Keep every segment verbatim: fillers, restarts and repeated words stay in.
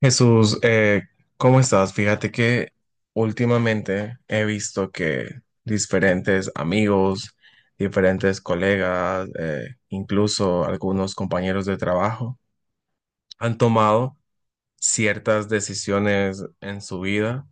Jesús, eh, ¿cómo estás? Fíjate que últimamente he visto que diferentes amigos, diferentes colegas, eh, incluso algunos compañeros de trabajo han tomado ciertas decisiones en su vida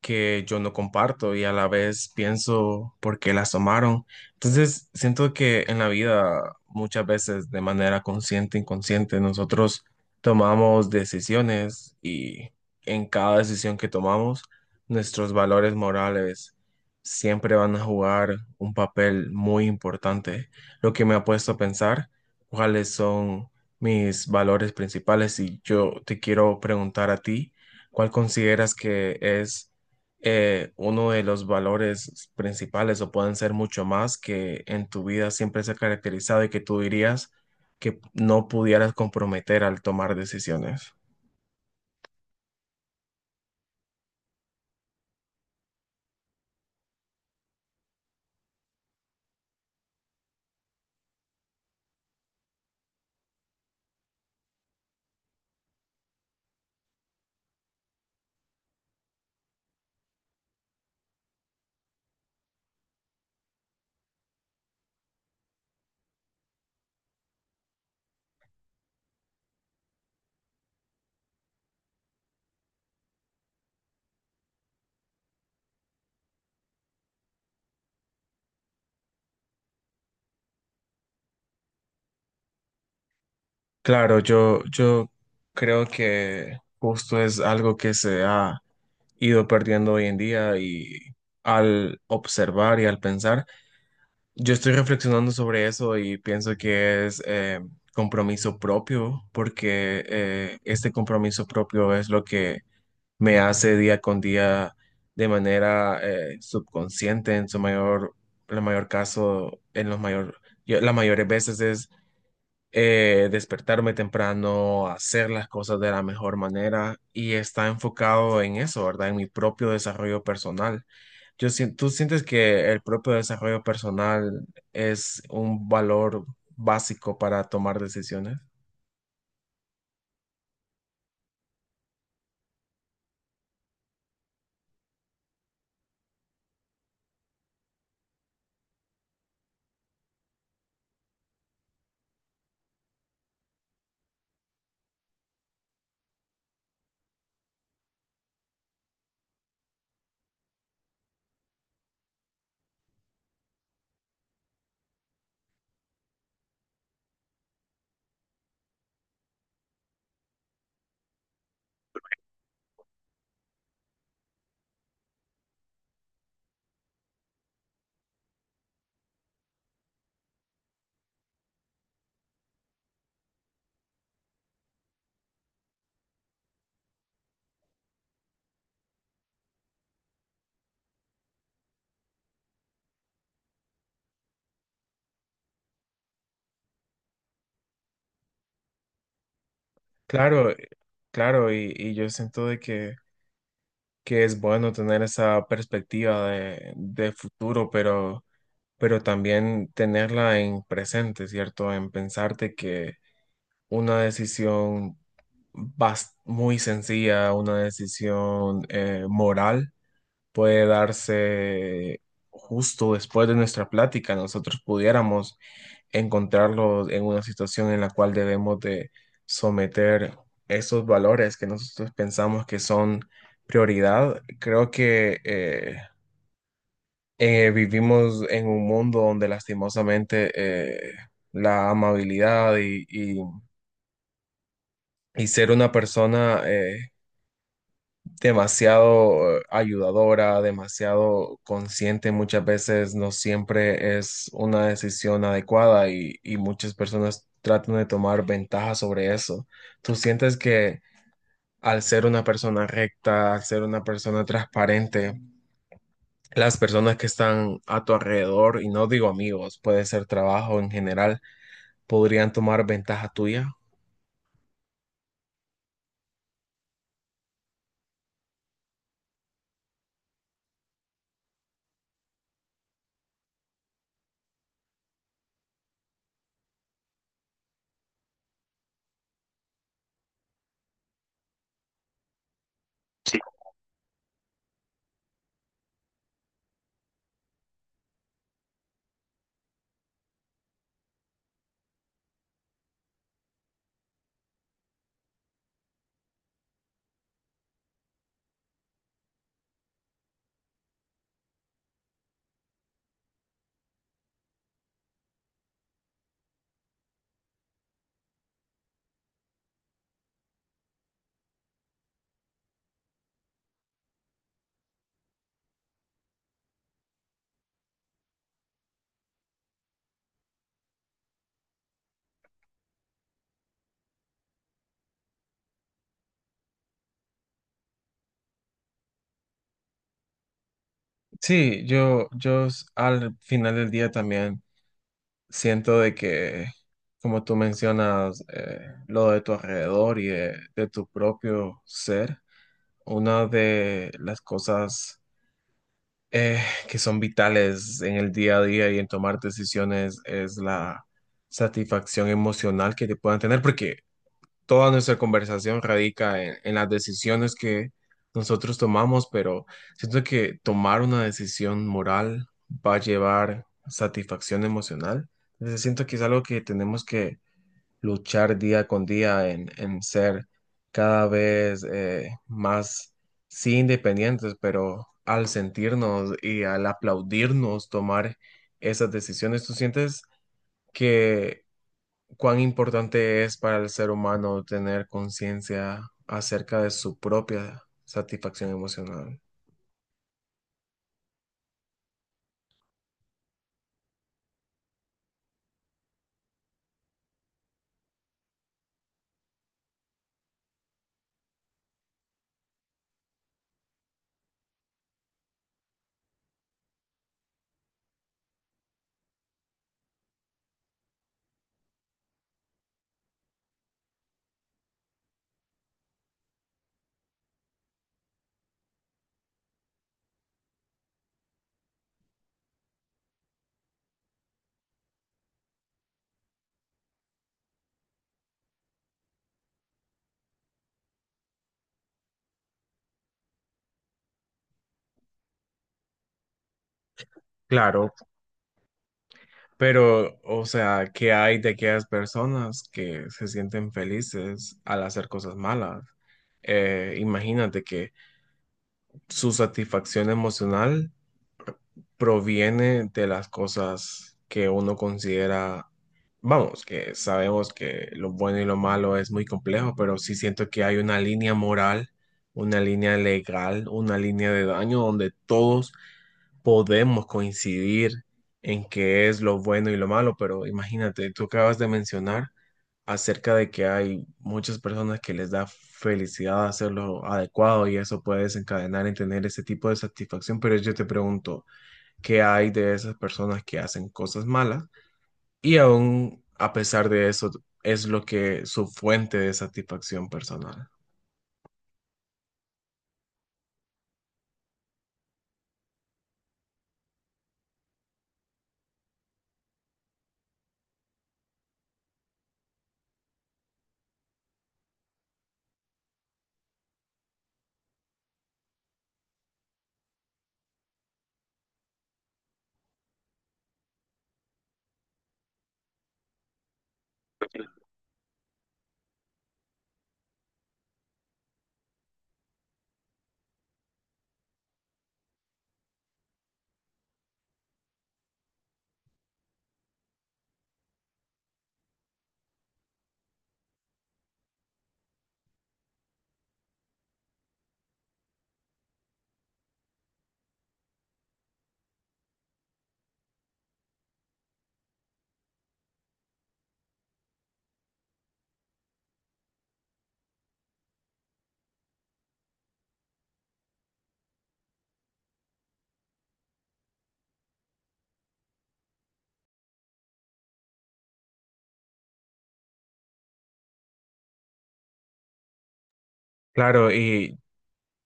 que yo no comparto y a la vez pienso por qué las tomaron. Entonces, siento que en la vida muchas veces de manera consciente, inconsciente, nosotros tomamos decisiones y en cada decisión que tomamos, nuestros valores morales siempre van a jugar un papel muy importante, lo que me ha puesto a pensar cuáles son mis valores principales y yo te quiero preguntar a ti, ¿cuál consideras que es eh, uno de los valores principales o pueden ser mucho más que en tu vida siempre se ha caracterizado y que tú dirías que no pudieras comprometer al tomar decisiones? Claro, yo, yo creo que justo es algo que se ha ido perdiendo hoy en día y al observar y al pensar. Yo estoy reflexionando sobre eso y pienso que es eh, compromiso propio, porque eh, este compromiso propio es lo que me hace día con día de manera eh, subconsciente, en su mayor, la mayor caso, en los mayor, yo- las mayores veces es eh, despertarme temprano, hacer las cosas de la mejor manera y está enfocado en eso, ¿verdad? En mi propio desarrollo personal. Yo sien- ¿tú sientes que el propio desarrollo personal es un valor básico para tomar decisiones? Claro, eh, claro, y, y yo siento de que, que es bueno tener esa perspectiva de, de futuro, pero, pero también tenerla en presente, ¿cierto? En pensarte que una decisión bas- muy sencilla, una decisión eh, moral, puede darse justo después de nuestra plática, nosotros pudiéramos encontrarlos en una situación en la cual debemos de someter esos valores que nosotros pensamos que son prioridad. Creo que eh, eh, vivimos en un mundo donde lastimosamente eh, la amabilidad y, y- y ser una persona eh, demasiado eh, ayudadora, demasiado consciente, muchas veces no siempre es una decisión adecuada y, y muchas personas tratan de tomar ventaja sobre eso. ¿Tú sientes que al ser una persona recta, al ser una persona transparente, las personas que están a tu alrededor, y no digo amigos, puede ser trabajo en general, podrían tomar ventaja tuya? Sí, yo, yo s- al final del día también siento de que, como tú mencionas, eh, lo de tu alrededor y de, de tu propio ser, una de las cosas eh, que son vitales en el día a día y en tomar decisiones es la satisfacción emocional que te puedan tener, porque toda nuestra conversación radica en, en las decisiones que nosotros tomamos, pero siento que tomar una decisión moral va a llevar satisfacción emocional. Entonces siento que es algo que tenemos que luchar día con día en, en ser cada vez eh, más, sí, independientes, pero al sentirnos y al aplaudirnos tomar esas decisiones, ¿tú sientes que cuán importante es para el ser humano tener conciencia acerca de su propia satisfacción emocional? Claro, pero, o sea, ¿qué hay de aquellas personas que se sienten felices al hacer cosas malas? Eh, imagínate que su satisfacción emocional proviene de las cosas que uno considera, vamos, que sabemos que lo bueno y lo malo es muy complejo, pero sí siento que hay una línea moral, una línea legal, una línea de daño donde todos podemos coincidir en qué es lo bueno y lo malo, pero imagínate, tú acabas de mencionar acerca de que hay muchas personas que les da felicidad hacerlo adecuado y eso puede desencadenar en tener ese tipo de satisfacción, pero yo te pregunto, ¿qué hay de esas personas que hacen cosas malas y aún a pesar de eso es lo que su fuente de satisfacción personal? Claro, y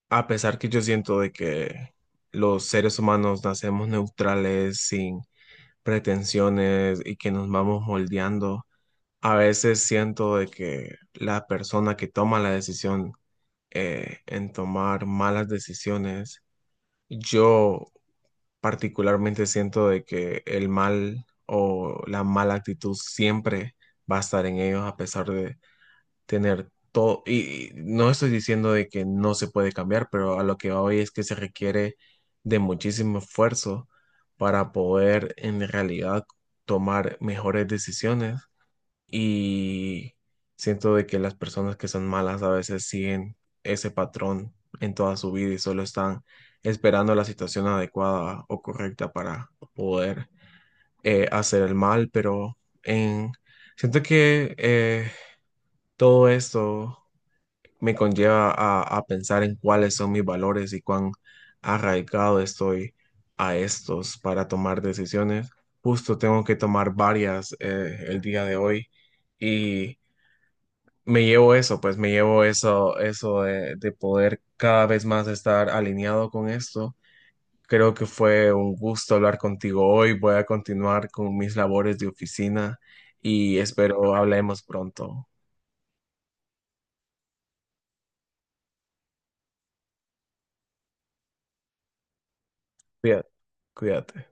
a pesar que yo siento de que los seres humanos nacemos neutrales, sin pretensiones y que nos vamos moldeando, a veces siento de que la persona que toma la decisión eh, en tomar malas decisiones, yo particularmente siento de que el mal o la mala actitud siempre va a estar en ellos a pesar de tener todo. Y, y no estoy diciendo de que no se puede cambiar, pero a lo que voy es que se requiere de muchísimo esfuerzo para poder en realidad tomar mejores decisiones y siento de que las personas que son malas a veces siguen ese patrón en toda su vida y solo están esperando la situación adecuada o correcta para poder eh, hacer el mal, pero en... siento que eh, todo esto me conlleva a, a pensar en cuáles son mis valores y cuán arraigado estoy a estos para tomar decisiones. Justo tengo que tomar varias eh, el día de hoy y me llevo eso, pues me llevo eso, eso de, de poder cada vez más estar alineado con esto. Creo que fue un gusto hablar contigo hoy. Voy a continuar con mis labores de oficina y espero hablemos pronto. Cuídate, cuídate.